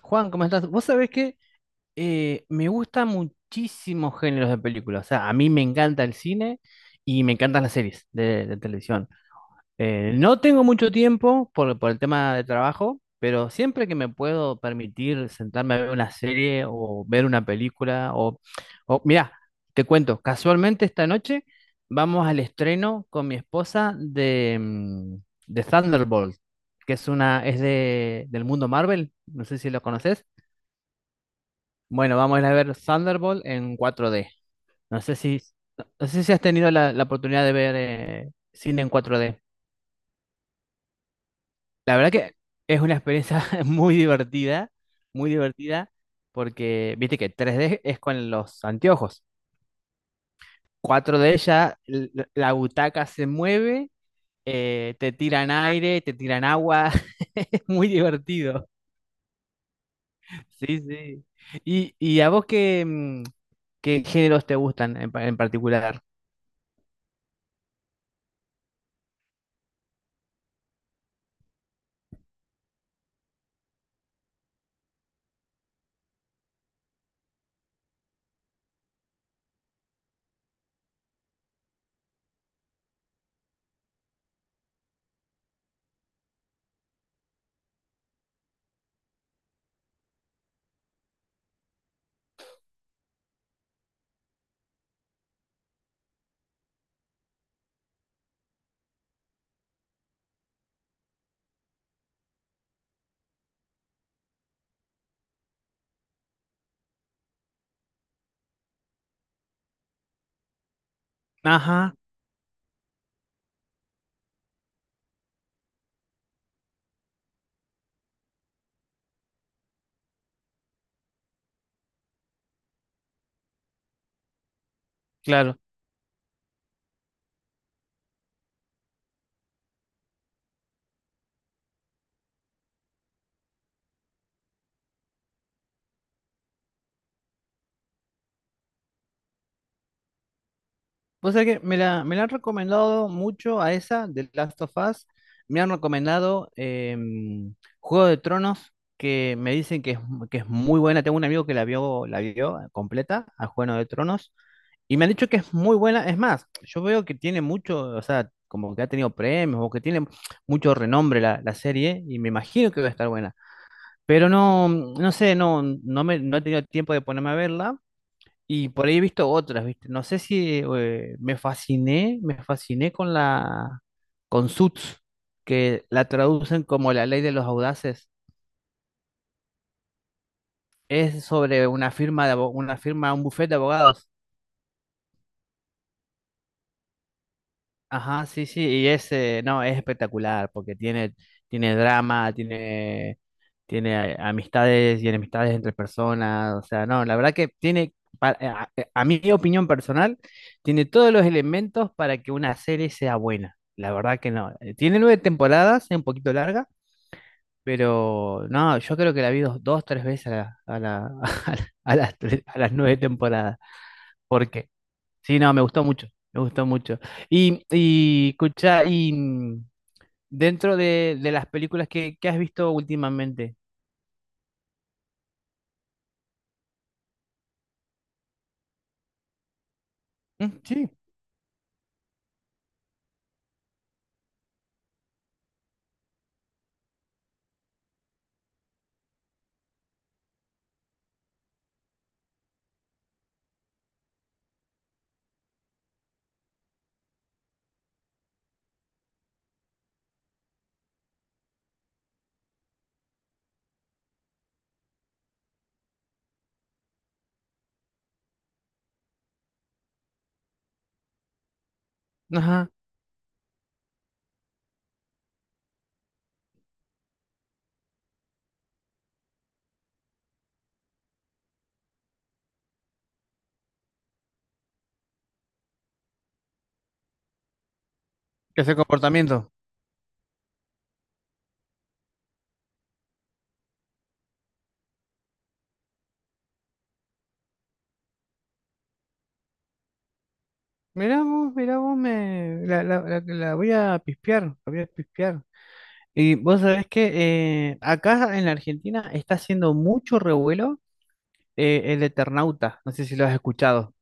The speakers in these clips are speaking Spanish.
Juan, ¿cómo estás? Vos sabés que me gustan muchísimos géneros de películas. O sea, a mí me encanta el cine y me encantan las series de televisión. No tengo mucho tiempo por el tema de trabajo, pero siempre que me puedo permitir sentarme a ver una serie o ver una película, o mirá, te cuento, casualmente esta noche vamos al estreno con mi esposa de de Thunderbolt, que es una, es de, del mundo Marvel, no sé si lo conoces. Bueno, vamos a ir a ver Thunderbolt en cuatro d. No sé si, no sé si has tenido la, la oportunidad de ver cine en cuatro d. La verdad que es una experiencia muy divertida, porque viste que tres d es con los anteojos. Cuatro d ya la butaca se mueve, te tiran aire, te tiran agua. Es muy divertido. Sí, sí. Y a vos qué, qué géneros te gustan en, en particular? Ajá, claro. Vos sabés que me la han recomendado mucho a esa de Last of Us. Me han recomendado Juego de Tronos, que me dicen que es muy buena. Tengo un amigo que la vio completa a Juego de Tronos. Y me han dicho que es muy buena. Es más, yo veo que tiene mucho, o sea, como que ha tenido premios o que tiene mucho renombre la, la serie y me imagino que va a estar buena. Pero no, no sé, no, no me, no he tenido tiempo de ponerme a verla. Y por ahí he visto otras, ¿viste? No sé si me fasciné, me fasciné con la con Suits, que la traducen como la ley de los audaces. Es sobre una firma de una firma, un bufete de abogados. Ajá, sí, sí, y es no, es espectacular porque tiene tiene drama, tiene tiene amistades y enemistades entre personas, o sea, no, la verdad que tiene, a mi opinión personal, tiene todos los elementos para que una serie sea buena, la verdad que no. Tiene nueve temporadas, es un poquito larga, pero no, yo creo que la vi dos, dos tres veces a la- a las, tres- a las nueve temporadas, porque sí, no, me gustó mucho, me gustó mucho. Y escucha, y dentro de las películas que has visto últimamente, mm, sí. Ajá. ¿Qué es el comportamiento? Mirá vos, me... La, la voy a pispear, la voy a pispear. Y vos sabés que acá en la Argentina está haciendo mucho revuelo el Eternauta, no sé si lo has escuchado.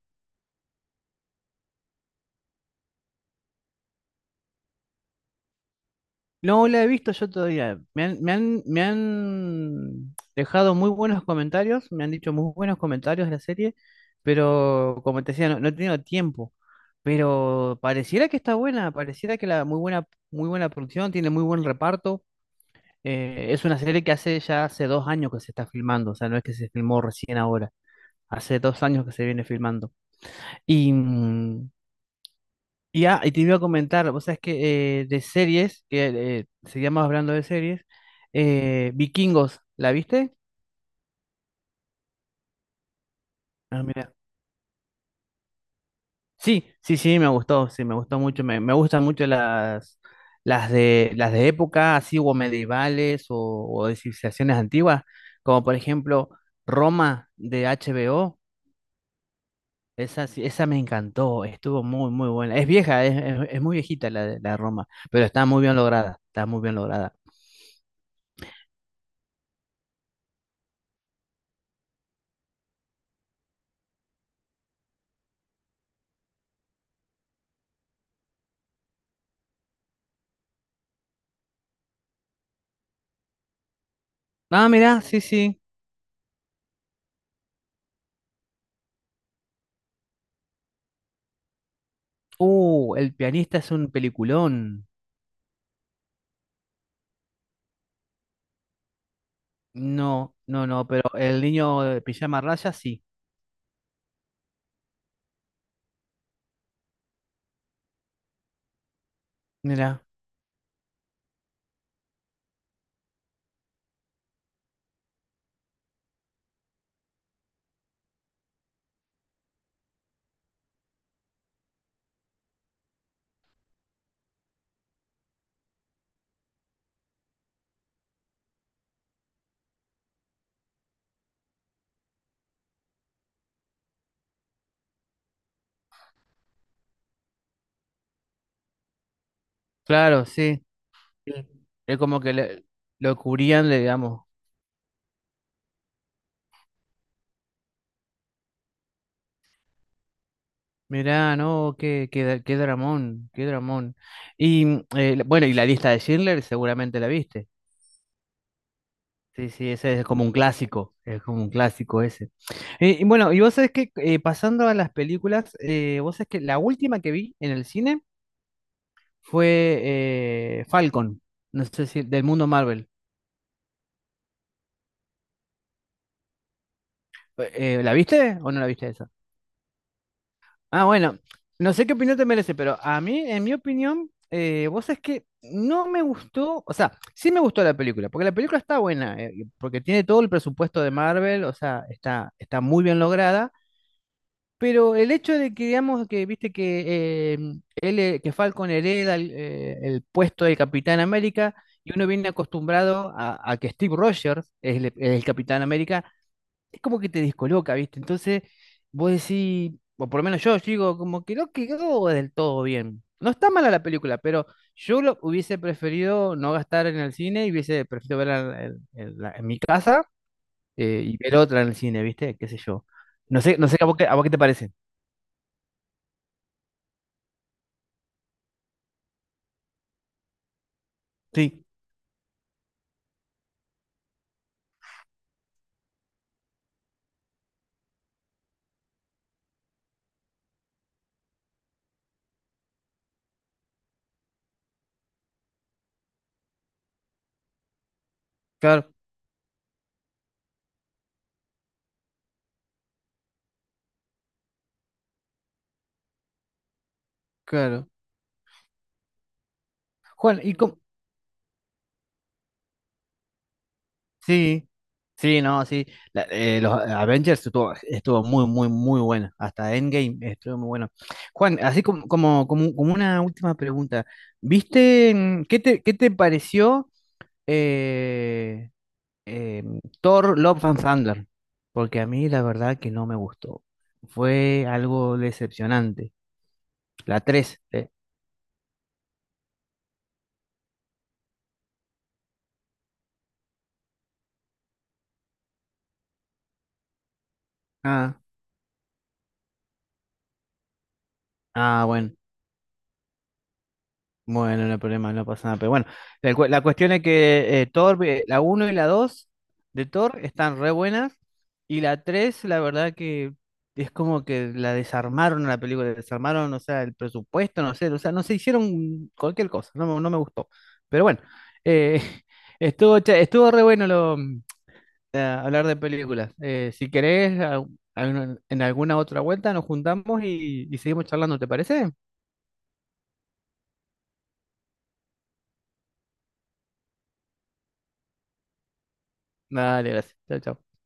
No lo he visto yo todavía, me han, me han, me han dejado muy buenos comentarios, me han dicho muy buenos comentarios de la serie, pero como te decía, no, no he tenido tiempo. Pero pareciera que está buena, pareciera que la muy buena producción, tiene muy buen reparto. Es una serie que hace ya hace dos años que se está filmando, o sea, no es que se filmó recién ahora, hace dos años que se viene filmando. Y, mm, y te iba a comentar, o sea, es que de series, que seguíamos hablando de series, Vikingos, ¿la viste? Ah, mira. Sí, sí, sí, me gustó mucho, me gustan mucho las de época, así, o medievales, o de civilizaciones antiguas, como por ejemplo Roma de HBO. Esa, esa me encantó, estuvo muy, muy buena. Es vieja, es, es muy viejita la de Roma, pero está muy bien lograda, está muy bien lograda. Ah, mirá, sí, sí. El pianista es un peliculón. No, no, no, pero El niño de pijama raya, sí. Mirá, claro, sí. Sí. Es como que lo cubrían, le digamos. Mirá, no, qué, qué, qué dramón, qué dramón. Y bueno, y la lista de Schindler seguramente la viste. Sí, sí, ese es como un clásico, es como un clásico ese. Y bueno, y vos sabés que pasando a las películas, vos sabés que la última que vi en el cine fue Falcon, no sé si del mundo Marvel. ¿La viste o no la viste esa? Ah, bueno, no sé qué opinión te merece, pero a mí, en mi opinión, vos sabés que no me gustó, o sea, sí me gustó la película, porque la película está buena, porque tiene todo el presupuesto de Marvel, o sea, está, está muy bien lograda. Pero el hecho de que, digamos, que viste que, que Falcon hereda el puesto de Capitán América y uno viene acostumbrado a que Steve Rogers es el Capitán América, es como que te descoloca, ¿viste? Entonces, vos decís, o por lo menos yo, digo, como que no quedó del todo bien. No está mala la película, pero yo lo hubiese preferido no gastar en el cine y hubiese preferido verla en, en mi casa y ver otra en el cine, ¿viste? ¿Qué sé yo? No sé, no sé a vos qué te parece. Sí. Claro, claro. Juan, y sí, sí, no, sí. Los Avengers estuvo, estuvo muy, muy, muy bueno. Hasta Endgame estuvo muy bueno. Juan, así como, como, como, como una última pregunta. ¿Viste qué te pareció eh, eh, Thor Love and Thunder? Porque a mí la verdad que no me gustó. Fue algo decepcionante. La 3. Ah, bueno. Bueno, no hay problema, no pasa nada. Pero bueno, la, la cuestión es que Thor, la uno y la 2 de Thor están re buenas. Y la 3 la verdad que es como que la desarmaron a la película, desarmaron, o sea, el presupuesto, no sé, o sea, no se hicieron cualquier cosa, no, me no me gustó. Pero bueno, eh, estuvo, estuvo re bueno lo, hablar de películas. Si querés, en alguna otra vuelta nos juntamos y seguimos charlando, ¿te parece? Dale, gracias. Chao, chao.